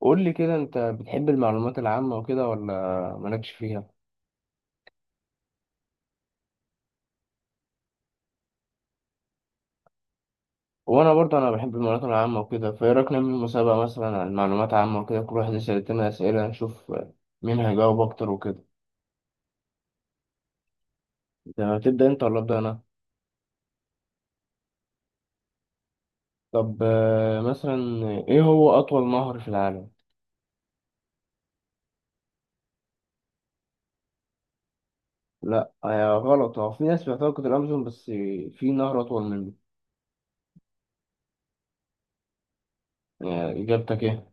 قول لي كده انت بتحب المعلومات العامة وكده ولا مالكش فيها؟ وانا برضه بحب المعلومات العامة وكده، فايه رأيك نعمل مسابقة مثلا عن المعلومات العامة وكده، كل واحد يسأل التاني أسئلة نشوف مين هيجاوب اكتر وكده. تمام، تبدأ انت ولا ابدأ انا؟ طب مثلا ايه هو اطول نهر في العالم؟ لا غلط، هو في ناس بتعتقد الامازون، بس في نهر اطول منه. اجابتك ايه؟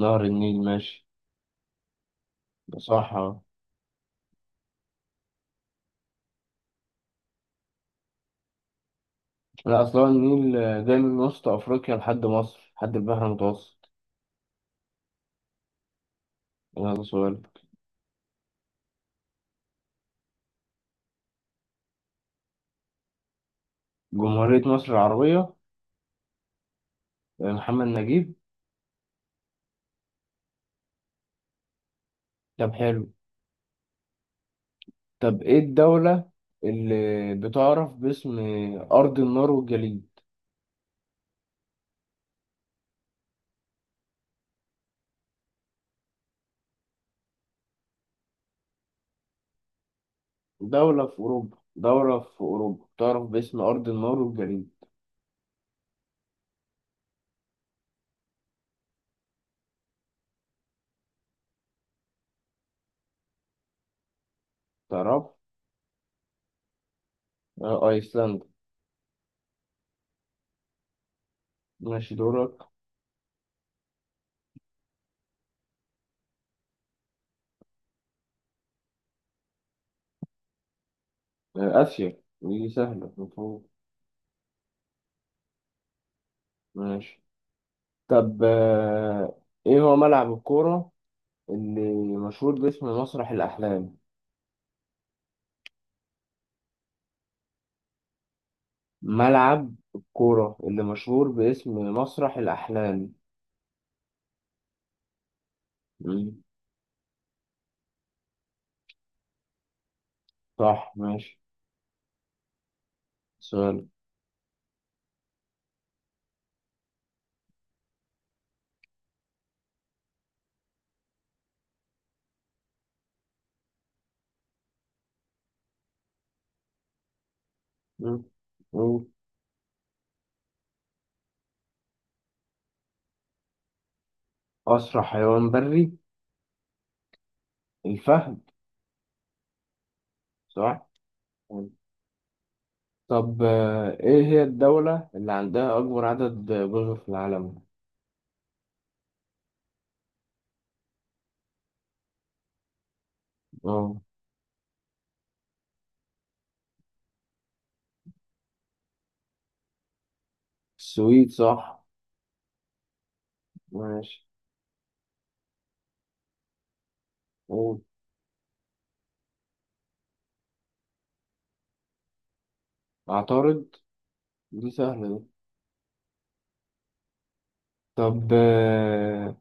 نهر النيل، ماشي. صح. لا اصلا النيل جاي من وسط افريقيا لحد مصر لحد البحر المتوسط. يلا سؤال. جمهورية مصر العربية. محمد نجيب. طب حلو. طب ايه الدولة اللي بتعرف باسم أرض النار والجليد؟ دولة في أوروبا، دولة في أوروبا تعرف باسم أرض النار والجليد. تعرف؟ أيسلندا. ماشي، دورك. آسيا، دي سهلة مفروض. ماشي. طب ايه هو ملعب الكورة اللي مشهور باسم مسرح الأحلام؟ ملعب الكورة اللي مشهور باسم مسرح الأحلام. مم. صح، ماشي. سؤال. مم. مم. أسرع حيوان بري. الفهد. صح. مم. طب إيه هي الدولة اللي عندها أكبر عدد جزر في العالم؟ اه. السويد، صح. ماشي. قول. عطارد، دي سهلة دي. طب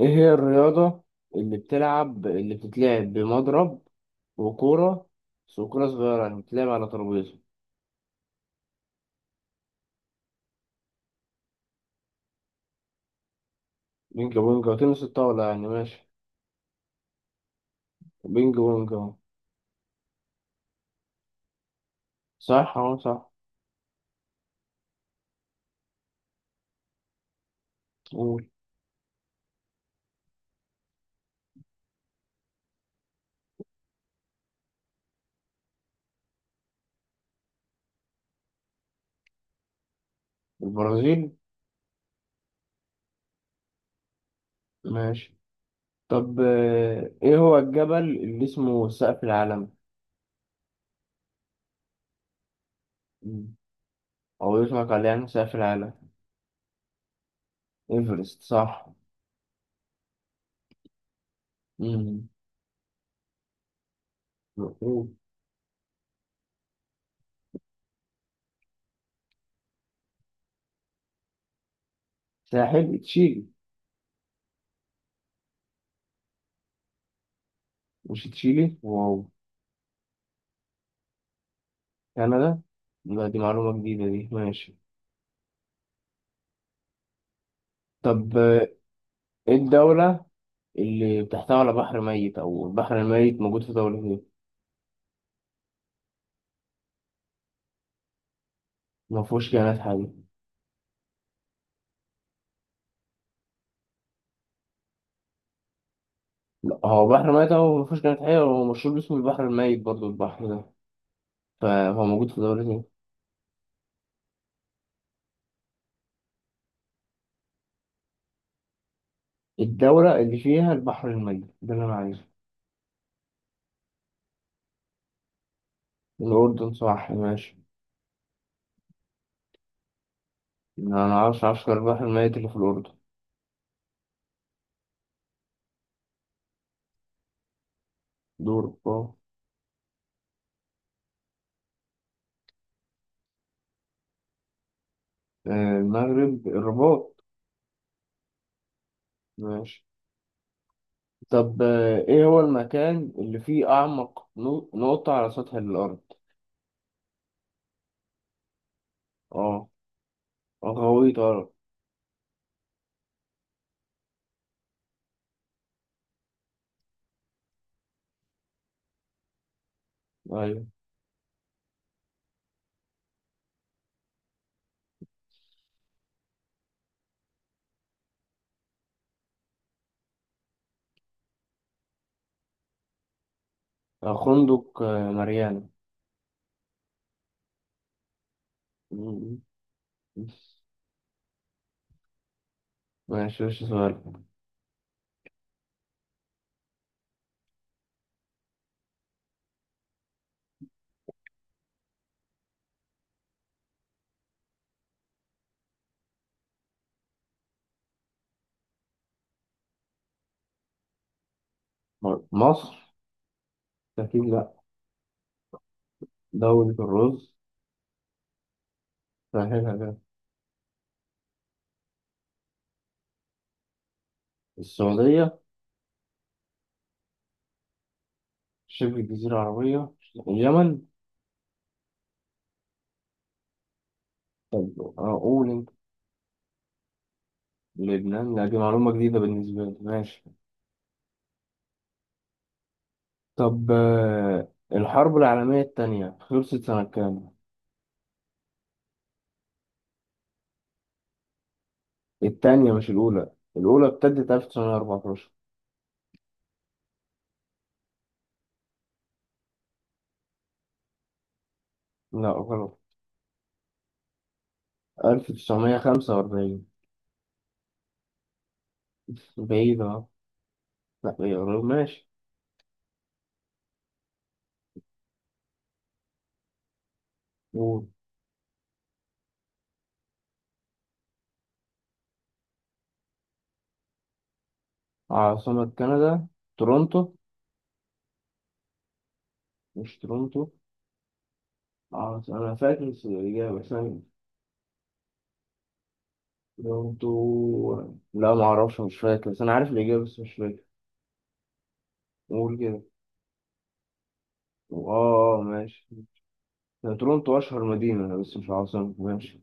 إيه هي الرياضة اللي بتلعب، اللي بتتلعب بمضرب وكورة، بس وكورة صغيرة يعني، بتلعب على ترابيزة؟ بينج بونج وتنس الطاولة يعني، ماشي. بينج بونج أهو. صح، اه صح. قول. البرازيل. ماشي. طب ايه هو الجبل اللي اسمه سقف العالم؟ مم. او يطلق عليه يعني سقف العالم. ايفرست، صح. مم. قول. ساحل تشيلي. مش تشيلي، واو. كندا، لا دي معلومة جديدة دي، ماشي. طب ايه الدولة اللي بتحتوي على بحر ميت، او البحر الميت موجود في دولة ايه؟ ما فيهوش كائنات حية. لا هو بحر ميت او ما فيهوش كائنات حية، هو مشهور باسم البحر الميت برضو البحر ده، فهو موجود في دولة ايه؟ الدولة اللي فيها البحر الميت ده اللي أنا عايزه. الأردن، صح، ماشي. أنا معرفش عسكر البحر الميت اللي في الأردن. دور اه. آه، المغرب، الرباط. ماشي. طب إيه هو المكان اللي فيه أعمق نقطة على سطح الأرض؟ اه. غويط أرض. أيوة. خندق ماريانا. م- م- ماشي ماشي. سؤال. مصر. أكيد لأ. دولة الرز. سهلها ده. السعودية. شبه جزيرة عربية. اليمن. طب أقول أنت. لبنان، لا دي معلومة جديدة بالنسبة لي، ماشي. طب الحرب العالمية التانية خلصت سنة كام؟ التانية مش الأولى، الأولى ابتدت 1914. لا غلط. 1945. بعيدة أهو. لا هي قريبة. ماشي. قول. عاصمة كندا. تورونتو. مش تورونتو؟ أنا فاكر الإجابة، بس أنا تورونتو، لا معرفش، مش فاكر، بس أنا عارف الإجابة بس مش فاكر. قول كده. اه ماشي. هي تورونتو اشهر مدينة بس مش عاصمة، ماشي.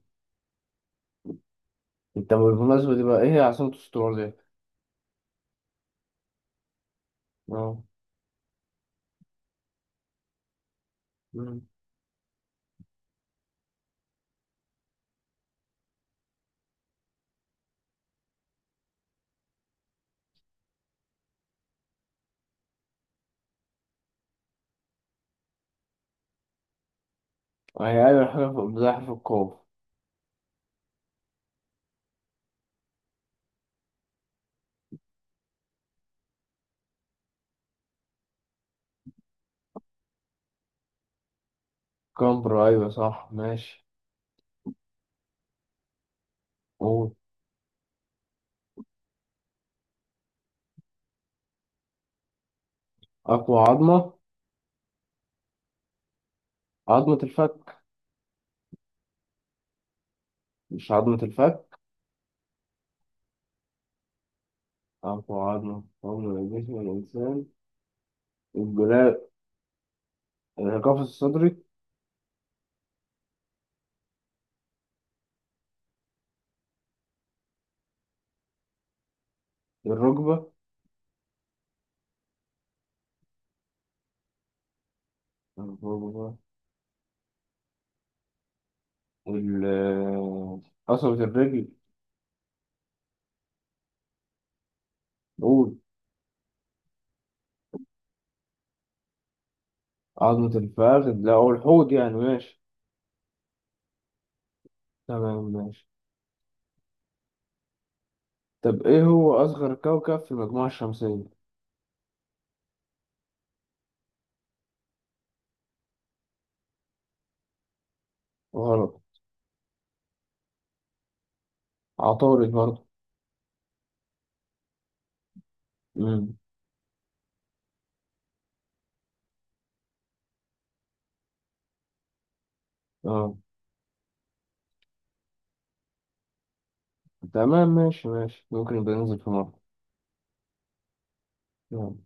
انت بالمناسبة دي بقى، ايه هي عاصمة استراليا؟ اه. مم. هي ايوه حاجة في زي حرف القاف. كامبرا، ايوه صح، ماشي. قول. اقوى عظمة. عظمة الفك. مش عظمة الفك. اقوى عظمة، عظمة جسم الانسان. الجلال. القفص الصدري. الركبة. الركبة وال قصبة الرجل. قول. عظمة الفخذ، لا هو الحوض يعني، ماشي. تمام، ماشي. طب ايه هو اصغر كوكب في المجموعة الشمسية؟ غلط. عطارد برضه. امم، اه. تمام، ماشي ماشي، ممكن يبقى ننزل في مرة. يلا.